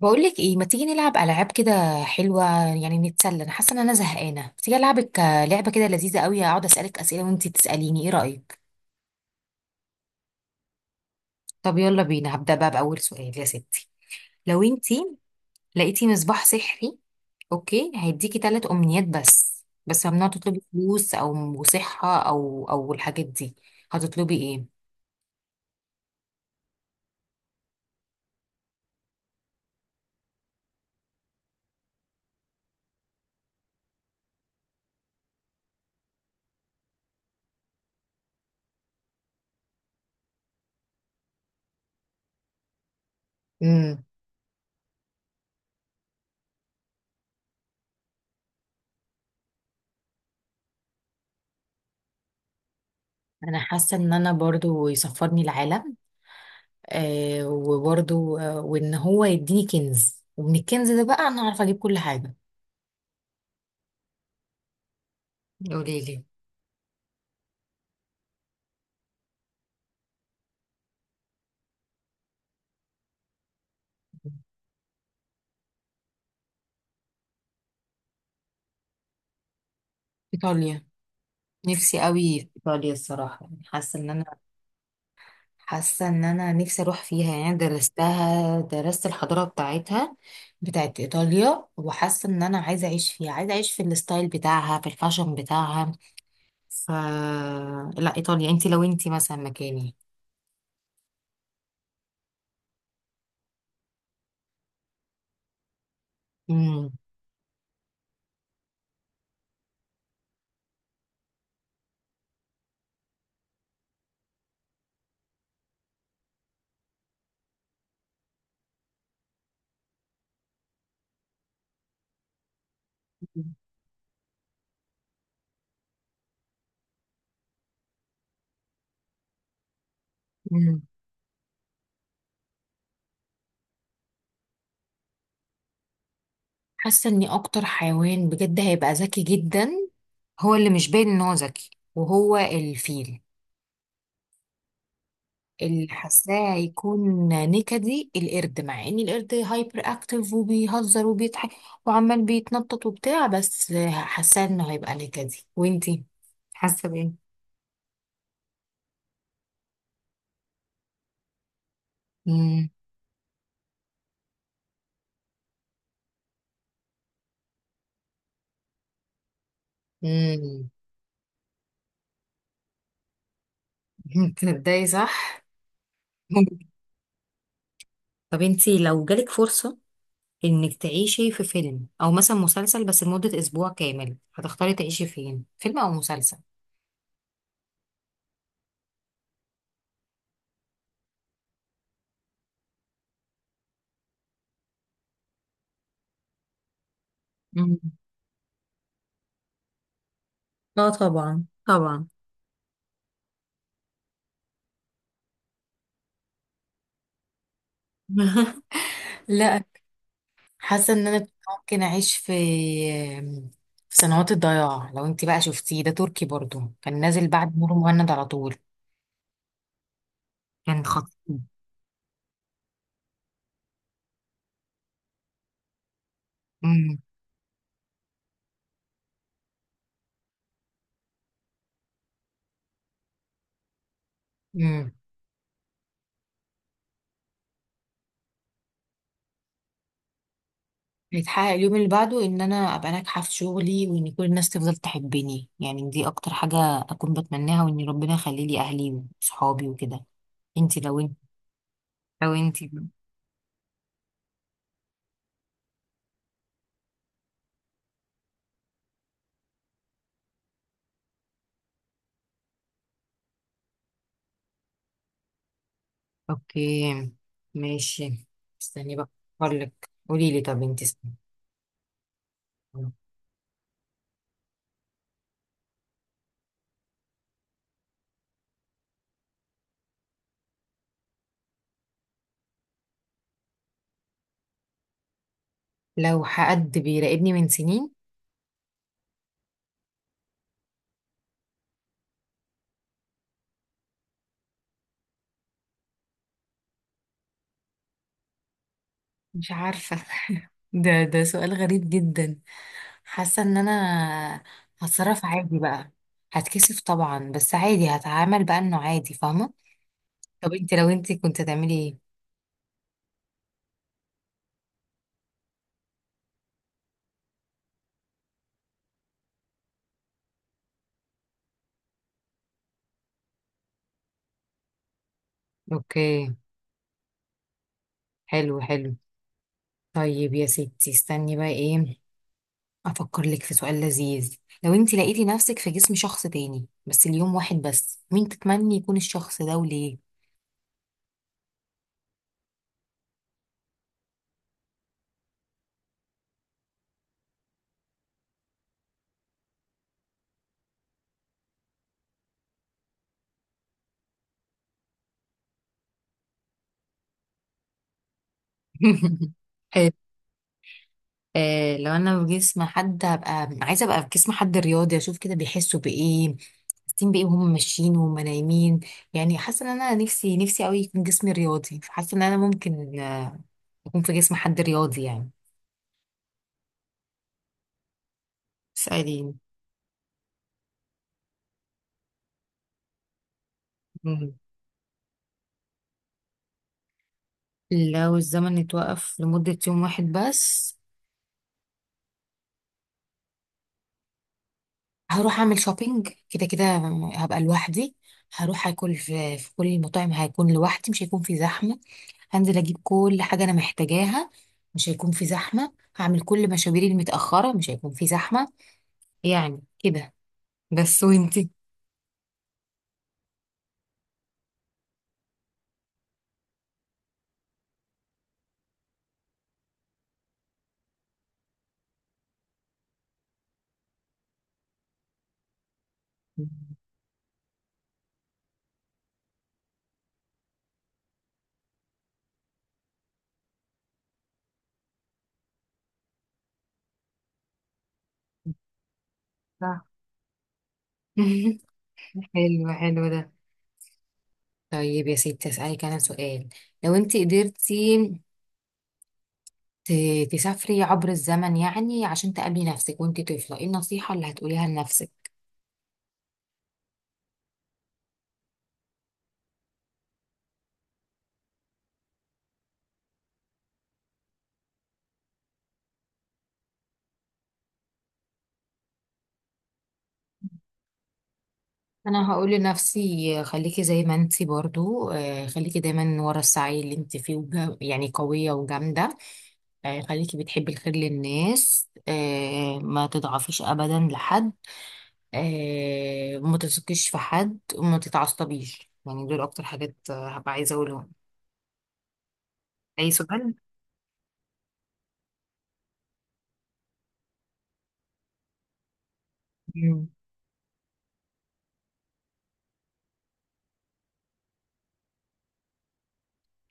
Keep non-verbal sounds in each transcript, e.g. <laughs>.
بقولك ايه، ما تيجي نلعب العاب كده حلوه؟ يعني نتسلى، انا حاسه ان انا زهقانه، ما تيجي العبك لعبه كده لذيذه قوي. اقعد اسالك اسئله وانتي تساليني، ايه رايك؟ طب يلا بينا، هبدا بقى باول سؤال يا ستي. لو انتي لقيتي مصباح سحري، اوكي هيديكي ثلاث امنيات، بس بس ممنوع تطلبي فلوس او صحه او الحاجات دي. هتطلبي ايه؟ امم انا حاسه ان انا برضو يسفرني العالم، وبرضو وان هو يديني كنز، ومن الكنز ده بقى انا عارفه اجيب كل حاجه. قولي لي. ايطاليا. نفسي قوي في ايطاليا الصراحه، يعني حاسه ان انا نفسي اروح فيها، يعني درستها، درست الحضاره بتاعتها، بتاعت ايطاليا. وحاسه ان انا عايزه اعيش فيها، عايزه اعيش في الستايل بتاعها، في الفاشن بتاعها. ف لا، ايطاليا. لو انت مثلا مكاني؟ امم امم حاسه اني اكتر حيوان بجد هيبقى ذكي جدا، هو اللي مش باين ان هو ذكي، وهو الفيل. اللي حاساه هيكون نكدي القرد، مع ان القرد هايبر اكتف وبيهزر وبيضحك وعمال بيتنطط وبتاع، بس حاساه انه هيبقى نكدي. وانتي حاسه بايه؟ امم امم <laughs> تصدقي، صح. طب انتي، لو جالك فرصه انك تعيشي في فيلم او مثلا مسلسل بس لمده اسبوع كامل، هتختاري تعيشي فين، فيلم او مسلسل؟ مم. اه طبعا طبعا. <laughs> لا، حاسه ان انا ممكن اعيش في سنوات الضياع، لو انت بقى شفتيه، ده تركي برضو كان نازل بعد نور مهند على طول. كان خطير. امم امم بيتحقق اليوم اللي بعده ان انا ابقى ناجحه في شغلي، وان كل الناس تفضل تحبني، يعني دي اكتر حاجه اكون بتمناها، وان ربنا يخلي لي اهلي وصحابي وكده. انت لو انت لو انت. اوكي، ماشي، استني بقى لك، قولي لي طب انت اسمي. لو حد بيراقبني من سنين. مش عارفة. <laughs> ده سؤال غريب جدا. حاسة ان انا هتصرف عادي بقى. هتكسف طبعا، بس عادي، هتعامل بقى انه عادي، فاهمة. طب انت، لو انت كنت هتعملي ايه؟ اوكي، حلو حلو. طيب يا ستي، استني بقى ايه، افكر لك في سؤال لذيذ. لو انت لقيتي نفسك في جسم شخص تاني بس اليوم واحد بس، مين تتمني يكون الشخص ده وليه؟ <laughs> حلو. لو انا في جسم حد، هبقى عايزه ابقى في جسم حد رياضي، اشوف كده بيحسوا بايه، حاسين بايه وهم ماشيين وهم نايمين. يعني حاسه ان انا نفسي نفسي قوي يكون جسمي رياضي، فحاسه ان انا ممكن اكون في جسم حد رياضي يعني. اسالي. مم. لو الزمن اتوقف لمده يوم واحد بس، هروح اعمل شوبينج كده كده، هبقى لوحدي. هروح اكل في كل المطاعم، هيكون لوحدي، مش هيكون في زحمه. هنزل اجيب كل حاجه انا محتاجاها، مش هيكون في زحمه، هعمل كل مشاويري المتاخره، مش هيكون في زحمه، يعني كده بس. وانتي؟ صح. <laughs> حلو حلو ده. طيب يا ستي، اسالك انا سؤال. لو انت قدرتي تسافري عبر الزمن يعني عشان تقابلي نفسك وانت طفله، ايه النصيحه اللي هتقوليها لنفسك؟ انا هقول لنفسي، خليكي زي ما انت برضو، خليكي دايما ورا السعي اللي انت فيه يعني قويه وجامده، خليكي بتحبي الخير للناس، ما تضعفيش ابدا لحد، وما تثقيش في حد وما تتعصبيش، يعني دول اكتر حاجات هبقى عايزه اقولهم. اي سؤال؟ مم.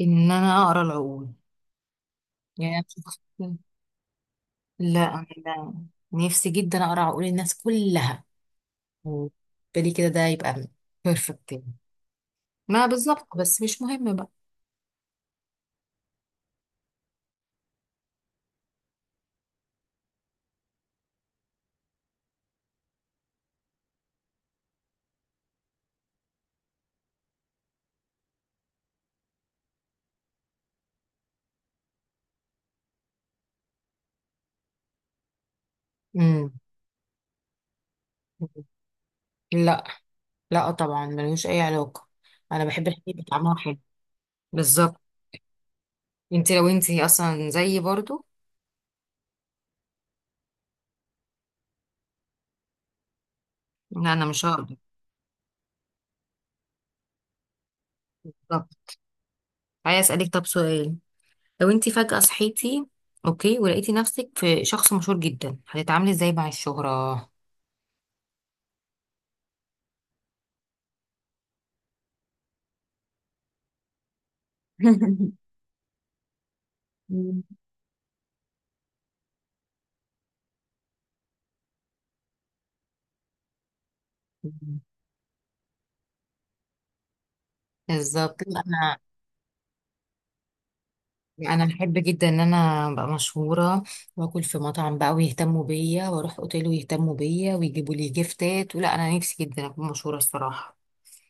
ان انا اقرا العقول. يعني أنا لا انا لا. نفسي جدا اقرا عقول الناس كلها، بالي كده، ده يبقى بيرفكت يعني. ما بالظبط، بس مش مهم بقى. مم. لا، لا طبعا ملوش اي علاقه، انا بحب الحاجات اللي طعمها حلو. بالظبط. لو انت اصلا زيي برضو؟ لا انا مش هقدر. طب عايز اسالك طب سؤال، لو انت فجاه صحيتي اوكي ولقيتي نفسك في شخص مشهور جدا، هتتعاملي ازاي مع الشهرة؟ <laughs> مم. بالظبط. انا بحب جدا ان انا ابقى مشهوره، واكل في مطعم بقى ويهتموا بيا واروح اوتيل ويهتموا بيا ويجيبوا لي جيفتات، ولا انا نفسي جدا اكون مشهوره الصراحه.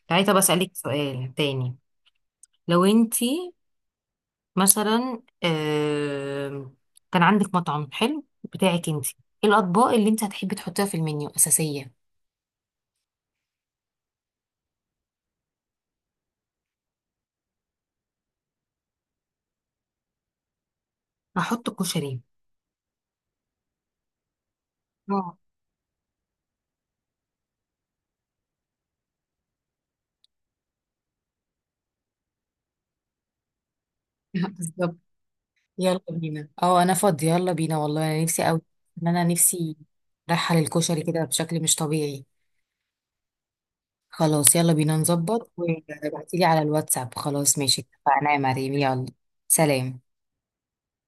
تعالي طب اسالك سؤال تاني. لو انت مثلا كان عندك مطعم حلو بتاعك انت، ايه الاطباق اللي انت هتحبي تحطيها في المنيو اساسيه؟ هحط كشري. اه. <laughs> بالظبط. يلا بينا، اه انا فاضي، يلا بينا، والله انا نفسي قوي ان انا نفسي رايحه للكشري كده بشكل مش طبيعي. خلاص، يلا بينا نظبط وابعتيلي على الواتساب. خلاص ماشي، اتفقنا يا مريم. يلا، سلام.